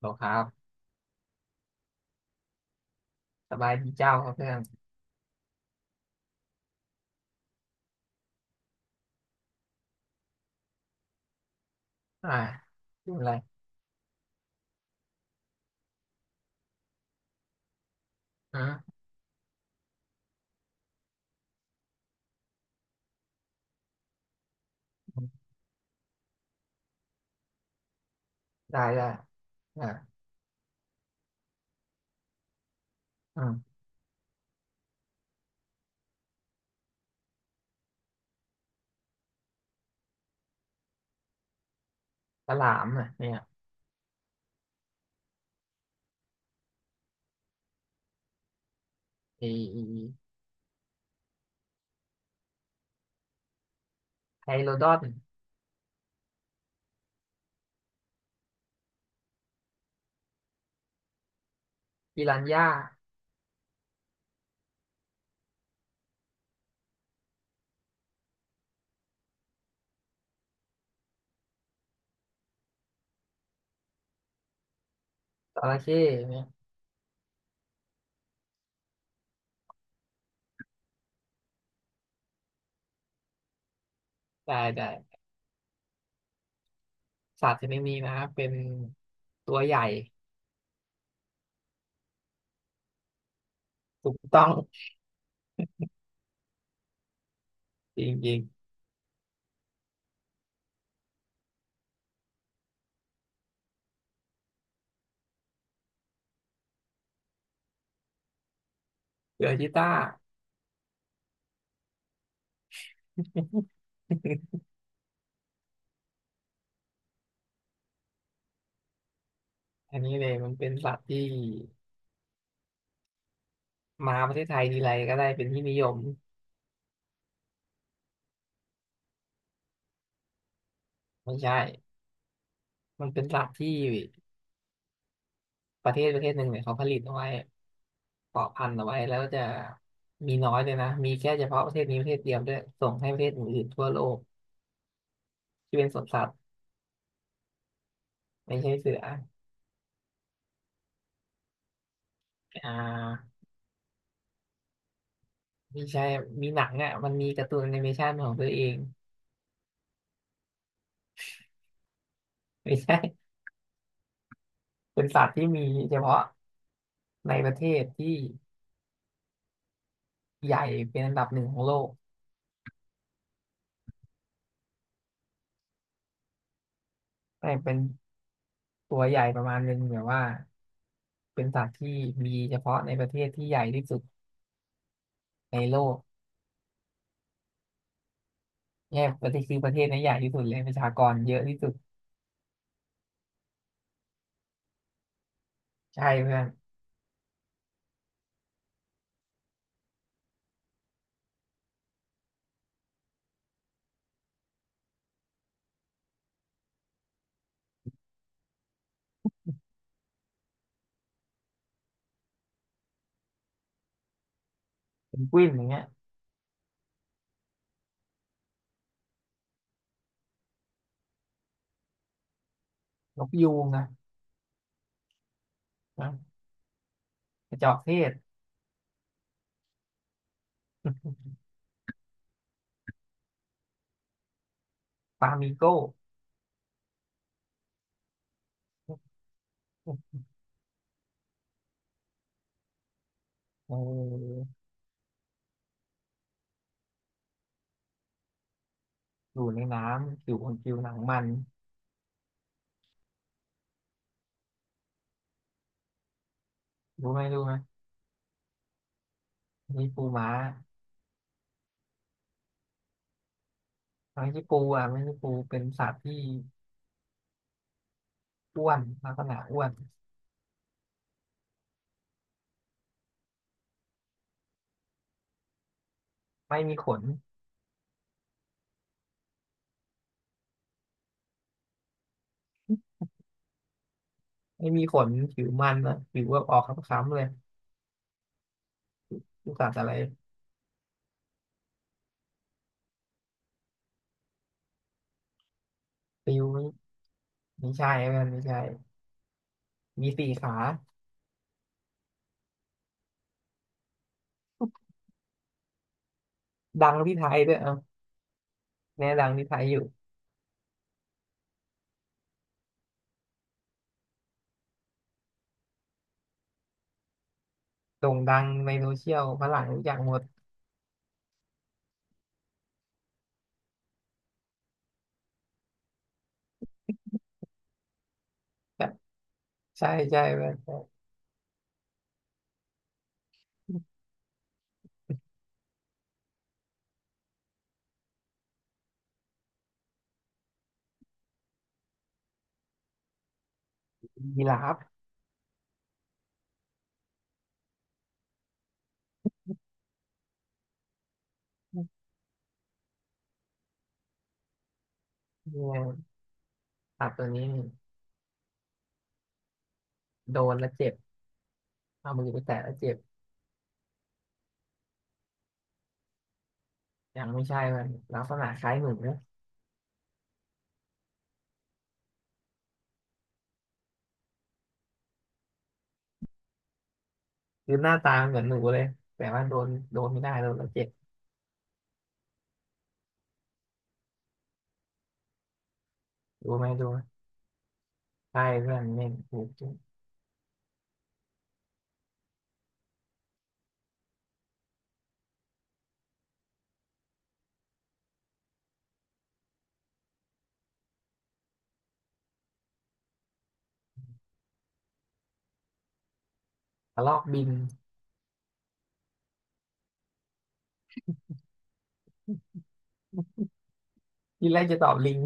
หรอครับสบายดีเจ้าครับเพื่อนอ่าพูดออะไรฮะได้ได้อ่าอืมฉลามอ่ะเนี่ยไอไอ้ไฮโลดอนปิรันย่าจระเข้เนี่ยได้ได้สัตว์ชนิดนี้นะเป็นตัวใหญ่ถูกต้องจริงๆเสือชีต้า อันนี้เลยมันเป็นสัตว์ที่มาประเทศไทยทีไรก็ได้เป็นที่นิยมไม่ใช่มันเป็นสัตว์ที่ประเทศหนึ่งเนี่ยเขาผลิตเอาไว้ เกาะพันเอาไว้แล้วจะมีน้อยเลยนะ มีแค่เฉพาะประเทศนี้ประเทศเดียวด้วยส่งให้ประเทศอื่นๆทั่วโลกที่เป็นสวนสัตว์ไม่ใช่เสืออ่าไม่ใช่มีหนังอ่ะมันมีการ์ตูนแอนิเมชันของตัวเองไม่ใช่ เป็นสัตว์ที่มีเฉพาะในประเทศที่ใหญ่เป็นอันดับหนึ่งของโลกไม่เป็นตัวใหญ่ประมาณหนึงแบบว่าเป็นสัตว์ที่มีเฉพาะในประเทศที่ใหญ่ที่สุดในโลกเนี่ยประเทศคือประเทศน้นใหญ่ที่สุดเลยประชากรเยอะที่สุดใช่เพื่อนเป็นกวินอย่างเงี้ย นกยูงนะนะกระจอกเทศ ฟลามิโก้ เอออยู่ในน้ำอยู่บนผิวหนังมันรู้ไหมรู้ไหมนี่ปูม้าไม่ใช่ปูอ่ะไม่ใช่ปูเป็นสัตว์ที่อ้วนลักษณะอ้วนไม่มีขนไม่มีขนผิวมันนะผิวแบบออกคล้ำๆเลยลูกสัตว์อะไรปิวไม่ไม่ใช่เพื่อนไม่ใช่มีสี่ขาดังที่ไทยด้วยเอ่ะแน่ดังที่ไทยอยู่โด่งดังในโซเชียลฝรั่งรู้จักหมดใช่ใช่ใช่เพื่อน ยีราฟเนี่ยสัตว์ตัวนี้โดนแล้วเจ็บเอามือไปแตะแล้วเจ็บยังไม่ใช่มันลักษณะคล้ายหนูคือหน้าตาเหมือนหนูเลยแต่ว่าโดนโดนไม่ได้โดนแล้วเจ็บ ดูไหมดูไหมใช่เพื่อนไม่ถูกจริงกระรอกบิน ที่แรกจะตอบลิง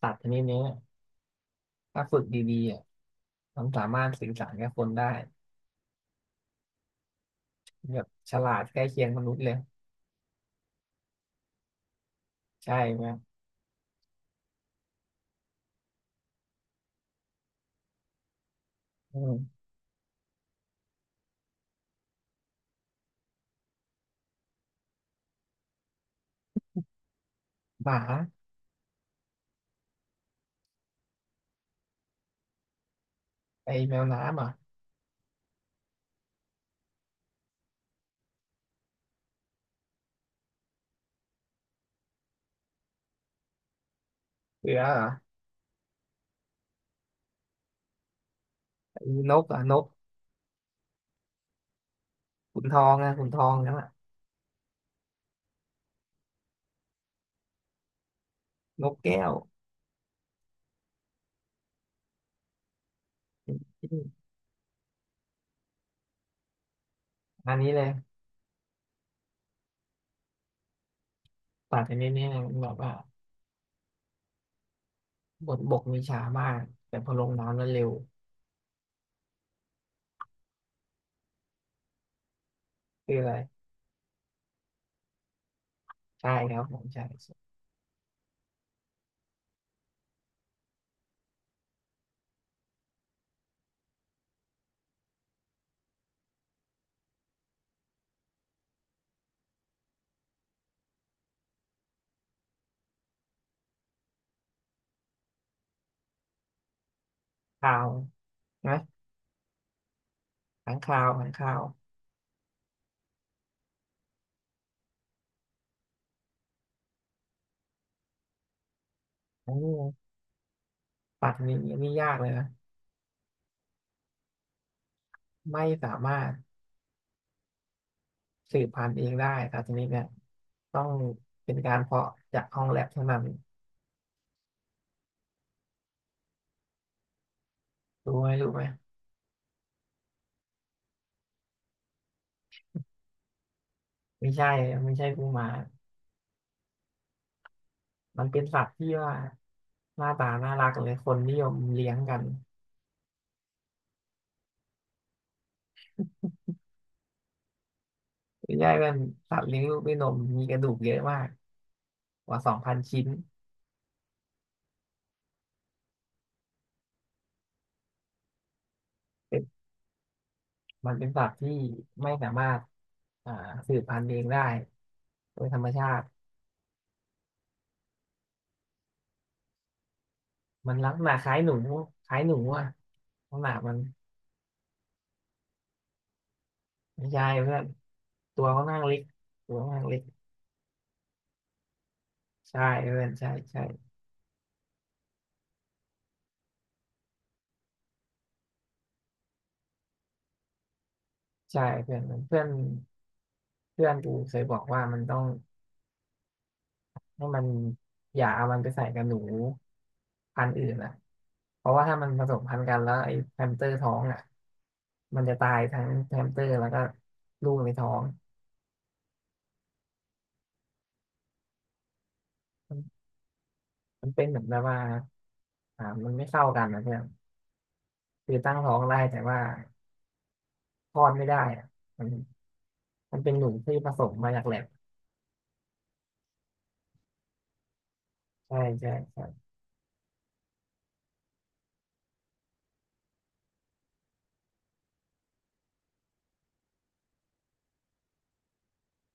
สัตว์ชนิดนี้ถ้าฝึกดีๆอ่ะมันสามารถสื่อสารกับคนได้แบบฉลาดใกล้เคียงมนุษย์เลย ใช่ไหมอืมหมาไอ้แมวน้ำเหรอ่ะเสือเหรอไอ้นกเหรอ่ะนกขุนทองอ่ะขุนทองนั่นแหละนกแก้ว อันนี้เลยตัดอันนี้เนี่ยแบบว่าบนบกมีช้ามากแต่พอลงน้ำแล้วเร็วคืออะไรใช่ครับผมใช่ข่าวนะขังข่าวขังข่าวโอ้สัตว์ชนดนี้นี่ยากเลยนะไม่สามารถสืบพันธุ์เองได้สัตว์ชนิดเนี่ยต้องเป็นการเพาะจากห้องแลบเท่านั้นรู้ไหมรู้ไหม ไม่ใช่ไม่ใช่กูหมามันเป็นสัตว์ที่ว่าหน้าตาน่ารักเลยคนนิยมเลี้ยงกัน ไม่ใช่มันสัตว์เลี้ยงลูกด้วยนมมีกระดูกเยอะมากกว่า2,000ชิ้นเป็นมันเป็นสัตว์ที่ไม่สามารถอ่าสืบพันธุ์เองได้โดยธรรมชาติมันลักษณะคล้ายหนูคล้ายหนูอ่ะลักษณะมันไม่ใช่เพื่อนตัวเขานข้างเล็กตัวเ่านั้งเล็กใช่เพื่อนใช่ใช่ใช่เพื่อนเพื่อนเพื่อนกูเคยบอกว่ามันต้องให้มันอย่าเอามันไปใส่กับหนู พันธุ์อื่นอ่ะเพราะว่าถ้ามันผสมพันธุ์กันแล้วไอ้แฮมสเตอร์ท้องอ่ะมันจะตายทั้งแฮมสเตอร์แล้วก็ลูกในท้องมันมันเป็นเหมือนแบบว่ามันไม่เข้ากันนะเพื่อนคือตั้งท้องได้แต่ว่าคลอดไม่ได้อะมันมันเป็นหนูที่ผสมมาจากแลบใช่ใช่ใช่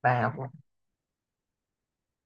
แต่